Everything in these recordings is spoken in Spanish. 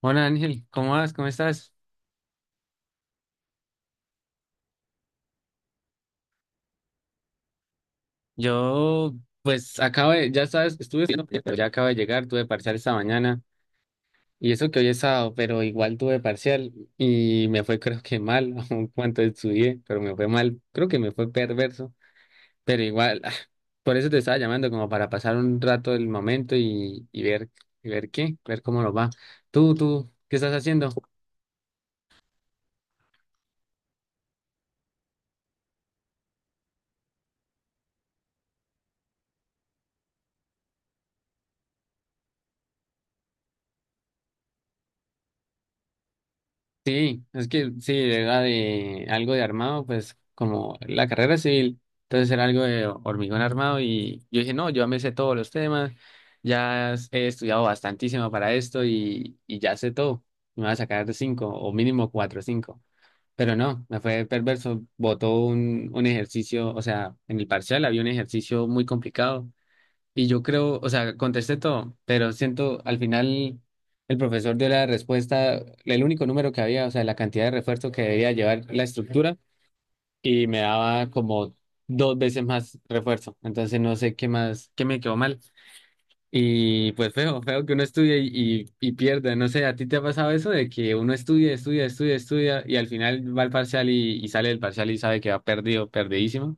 Hola Ángel, ¿cómo vas? ¿Cómo estás? Yo, pues, acabo de, ya sabes, estuve estudiando, pero ya acabo de llegar, tuve parcial esta mañana, y eso que hoy es sábado, pero igual tuve parcial, y me fue creo que mal, aun cuanto estudié, pero me fue mal, creo que me fue perverso, pero igual, por eso te estaba llamando, como para pasar un rato del momento y ver, y ver qué, ver cómo nos va. Tú, ¿qué estás haciendo? Sí, es que sí, era de algo de armado, pues como la carrera civil, entonces era algo de hormigón armado y yo dije, no, yo ya me sé todos los temas, he estudiado bastantísimo para esto y ya sé todo, me voy a sacar de cinco o mínimo cuatro o cinco, pero no, me fue perverso, botó un ejercicio, o sea, en el parcial había un ejercicio muy complicado y yo creo, o sea, contesté todo, pero siento al final el profesor dio la respuesta, el único número que había, o sea, la cantidad de refuerzo que debía llevar la estructura y me daba como dos veces más refuerzo. Entonces no sé qué más, qué me quedó mal. Y pues feo, feo que uno estudie y pierda. No sé, ¿a ti te ha pasado eso de que uno estudia, estudia, estudia, estudia y al final va al parcial y sale del parcial y sabe que va perdido, perdidísimo?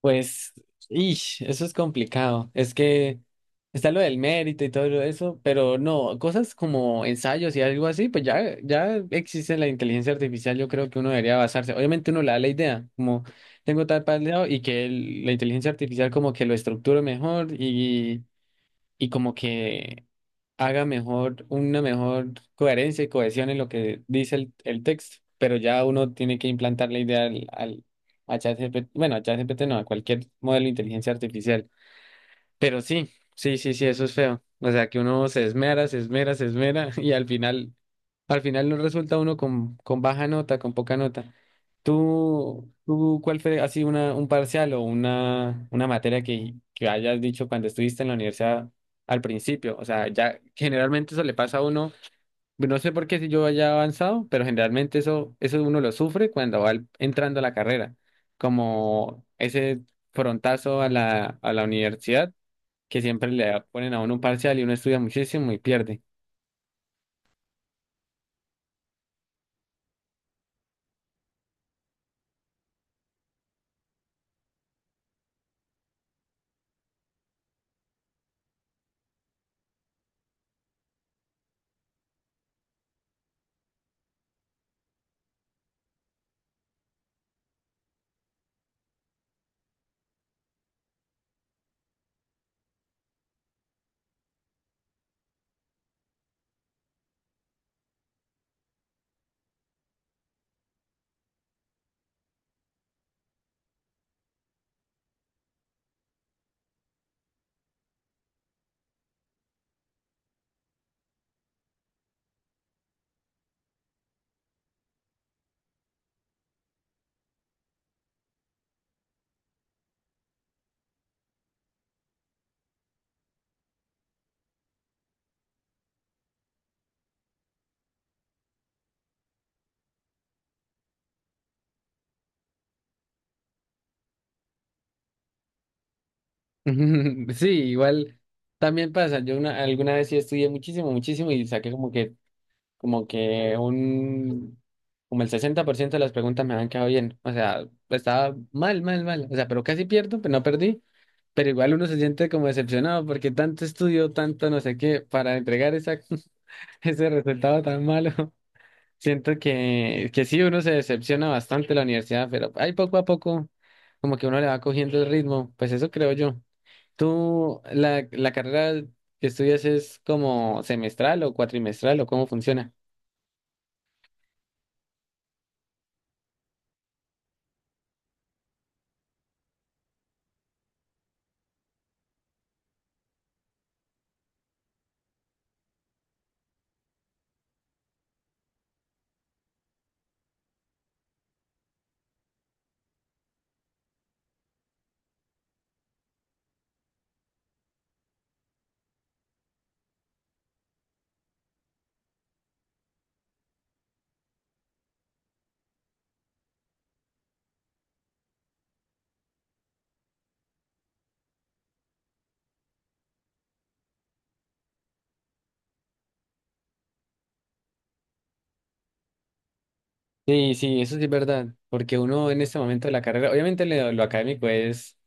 Pues, ish, eso es complicado. Es que está lo del mérito y todo eso, pero no, cosas como ensayos y algo así, pues ya, ya existe la inteligencia artificial, yo creo que uno debería basarse. Obviamente uno le da la idea, como tengo tal lado y que la inteligencia artificial como que lo estructure mejor y como que haga mejor, una mejor coherencia y cohesión en lo que dice el texto. Pero ya uno tiene que implantar la idea al, al a ChatGPT, bueno, a ChatGPT no, a cualquier modelo de inteligencia artificial. Pero sí, sí, eso es feo. O sea, que uno se esmera, se esmera, se esmera al final no resulta uno con baja nota, con poca nota. ¿Tú cuál fue así una, un parcial o una materia que hayas dicho cuando estuviste en la universidad al principio? O sea, ya generalmente eso le pasa a uno, no sé por qué si yo haya avanzado, pero generalmente eso, eso uno lo sufre cuando entrando a la carrera, como ese frontazo a la universidad que siempre le ponen a uno un parcial y uno estudia muchísimo y pierde. Sí, igual también pasa. Alguna vez sí estudié muchísimo, muchísimo y saqué como que un, como el 60% de las preguntas me habían quedado bien. O sea, estaba mal, mal, mal. O sea, pero casi pierdo, pero no perdí. Pero igual uno se siente como decepcionado porque tanto estudio, tanto no sé qué, para entregar esa, ese resultado tan malo. Siento que sí, uno se decepciona bastante en la universidad, pero ahí poco a poco, como que uno le va cogiendo el ritmo. Pues eso creo yo. ¿Tú, la carrera que estudias es como semestral o cuatrimestral o cómo funciona? Sí, sí, eso sí es verdad, porque uno en este momento de la carrera, obviamente lo académico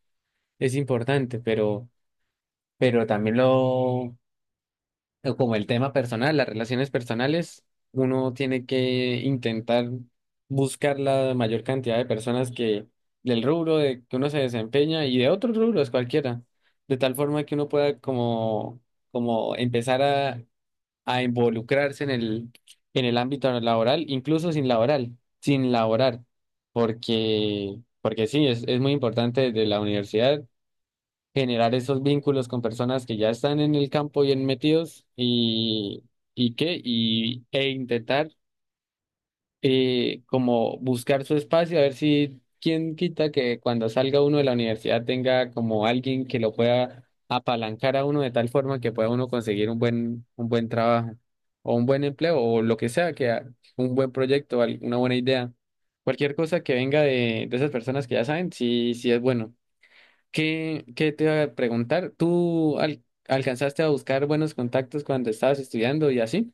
es importante, pero también lo como el tema personal, las relaciones personales, uno tiene que intentar buscar la mayor cantidad de personas que del rubro de que uno se desempeña y de otros rubros cualquiera, de tal forma que uno pueda como, como empezar a involucrarse en el ámbito laboral, incluso sin laboral, sin laborar, porque, porque sí, es muy importante desde la universidad generar esos vínculos con personas que ya están en el campo bien metidos y qué, y, e intentar como buscar su espacio, a ver si quién quita que cuando salga uno de la universidad tenga como alguien que lo pueda apalancar a uno de tal forma que pueda uno conseguir un buen trabajo o un buen empleo o lo que sea, un buen proyecto, una buena idea. Cualquier cosa que venga de esas personas que ya saben, sí, sí es bueno. ¿Qué, qué te iba a preguntar? Alcanzaste a buscar buenos contactos cuando estabas estudiando y así?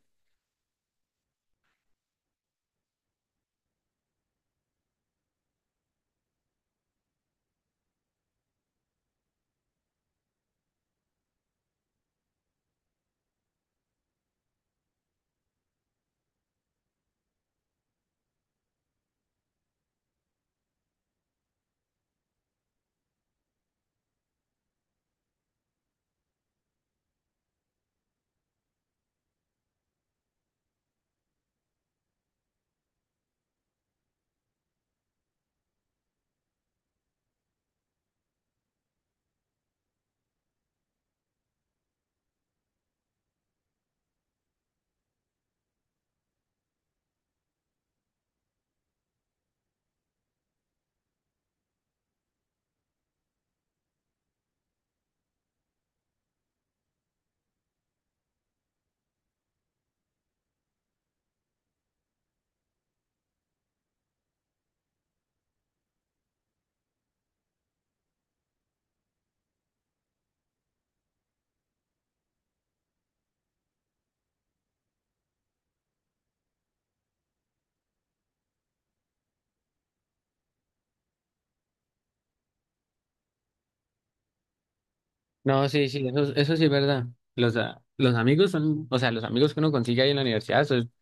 No, sí, sí, eso sí es verdad. Los, los amigos son, o sea, los amigos que uno consigue ahí en la universidad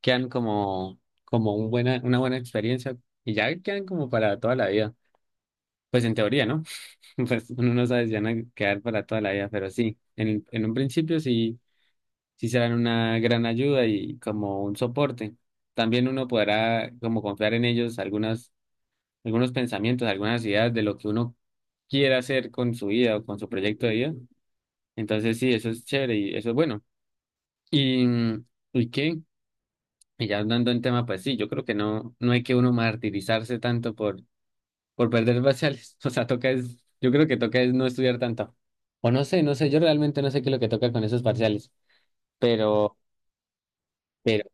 quedan como, como un buena, una buena experiencia y ya quedan como para toda la vida. Pues en teoría, ¿no? Pues uno no sabe si van a quedar para toda la vida, pero sí, en un principio sí, sí serán una gran ayuda y como un soporte. También uno podrá como confiar en ellos algunas, algunos pensamientos, algunas ideas de lo que uno quiera hacer con su vida o con su proyecto de vida. Entonces sí, eso es chévere y eso es bueno. Y, ¿y qué? Y ya hablando en tema, pues sí, yo creo que no, no hay que uno martirizarse tanto por perder parciales. O sea, toca es, yo creo que toca es no estudiar tanto. O no sé, no sé, yo realmente no sé qué es lo que toca con esos parciales. Pero, pero,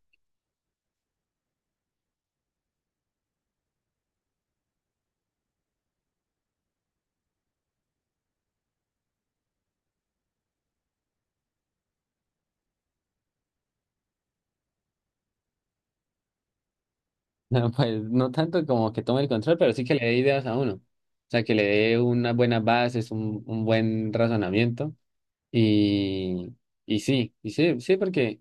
no, pues no tanto como que tome el control, pero sí que le dé ideas a uno. O sea, que le dé unas buenas bases, un buen razonamiento. Y, y sí, sí, porque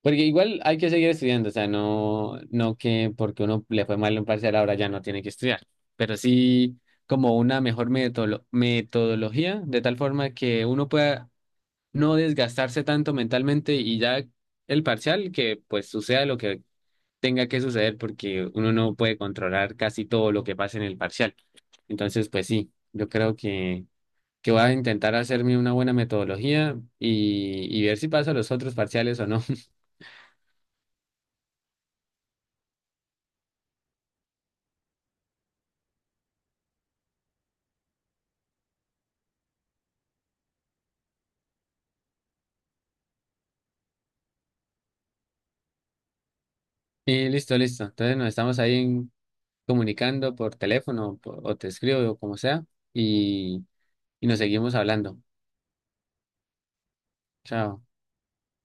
porque igual hay que seguir estudiando, o sea, no, no que porque uno le fue mal en un parcial ahora ya no tiene que estudiar, pero sí como una mejor metodología, de tal forma que uno pueda no desgastarse tanto mentalmente y ya el parcial que pues suceda lo que tenga que suceder porque uno no puede controlar casi todo lo que pasa en el parcial. Entonces, pues sí, yo creo que voy a intentar hacerme una buena metodología y ver si paso los otros parciales o no. Y listo, listo. Entonces nos estamos ahí comunicando por teléfono o te escribo o como sea y, y nos seguimos hablando. Chao.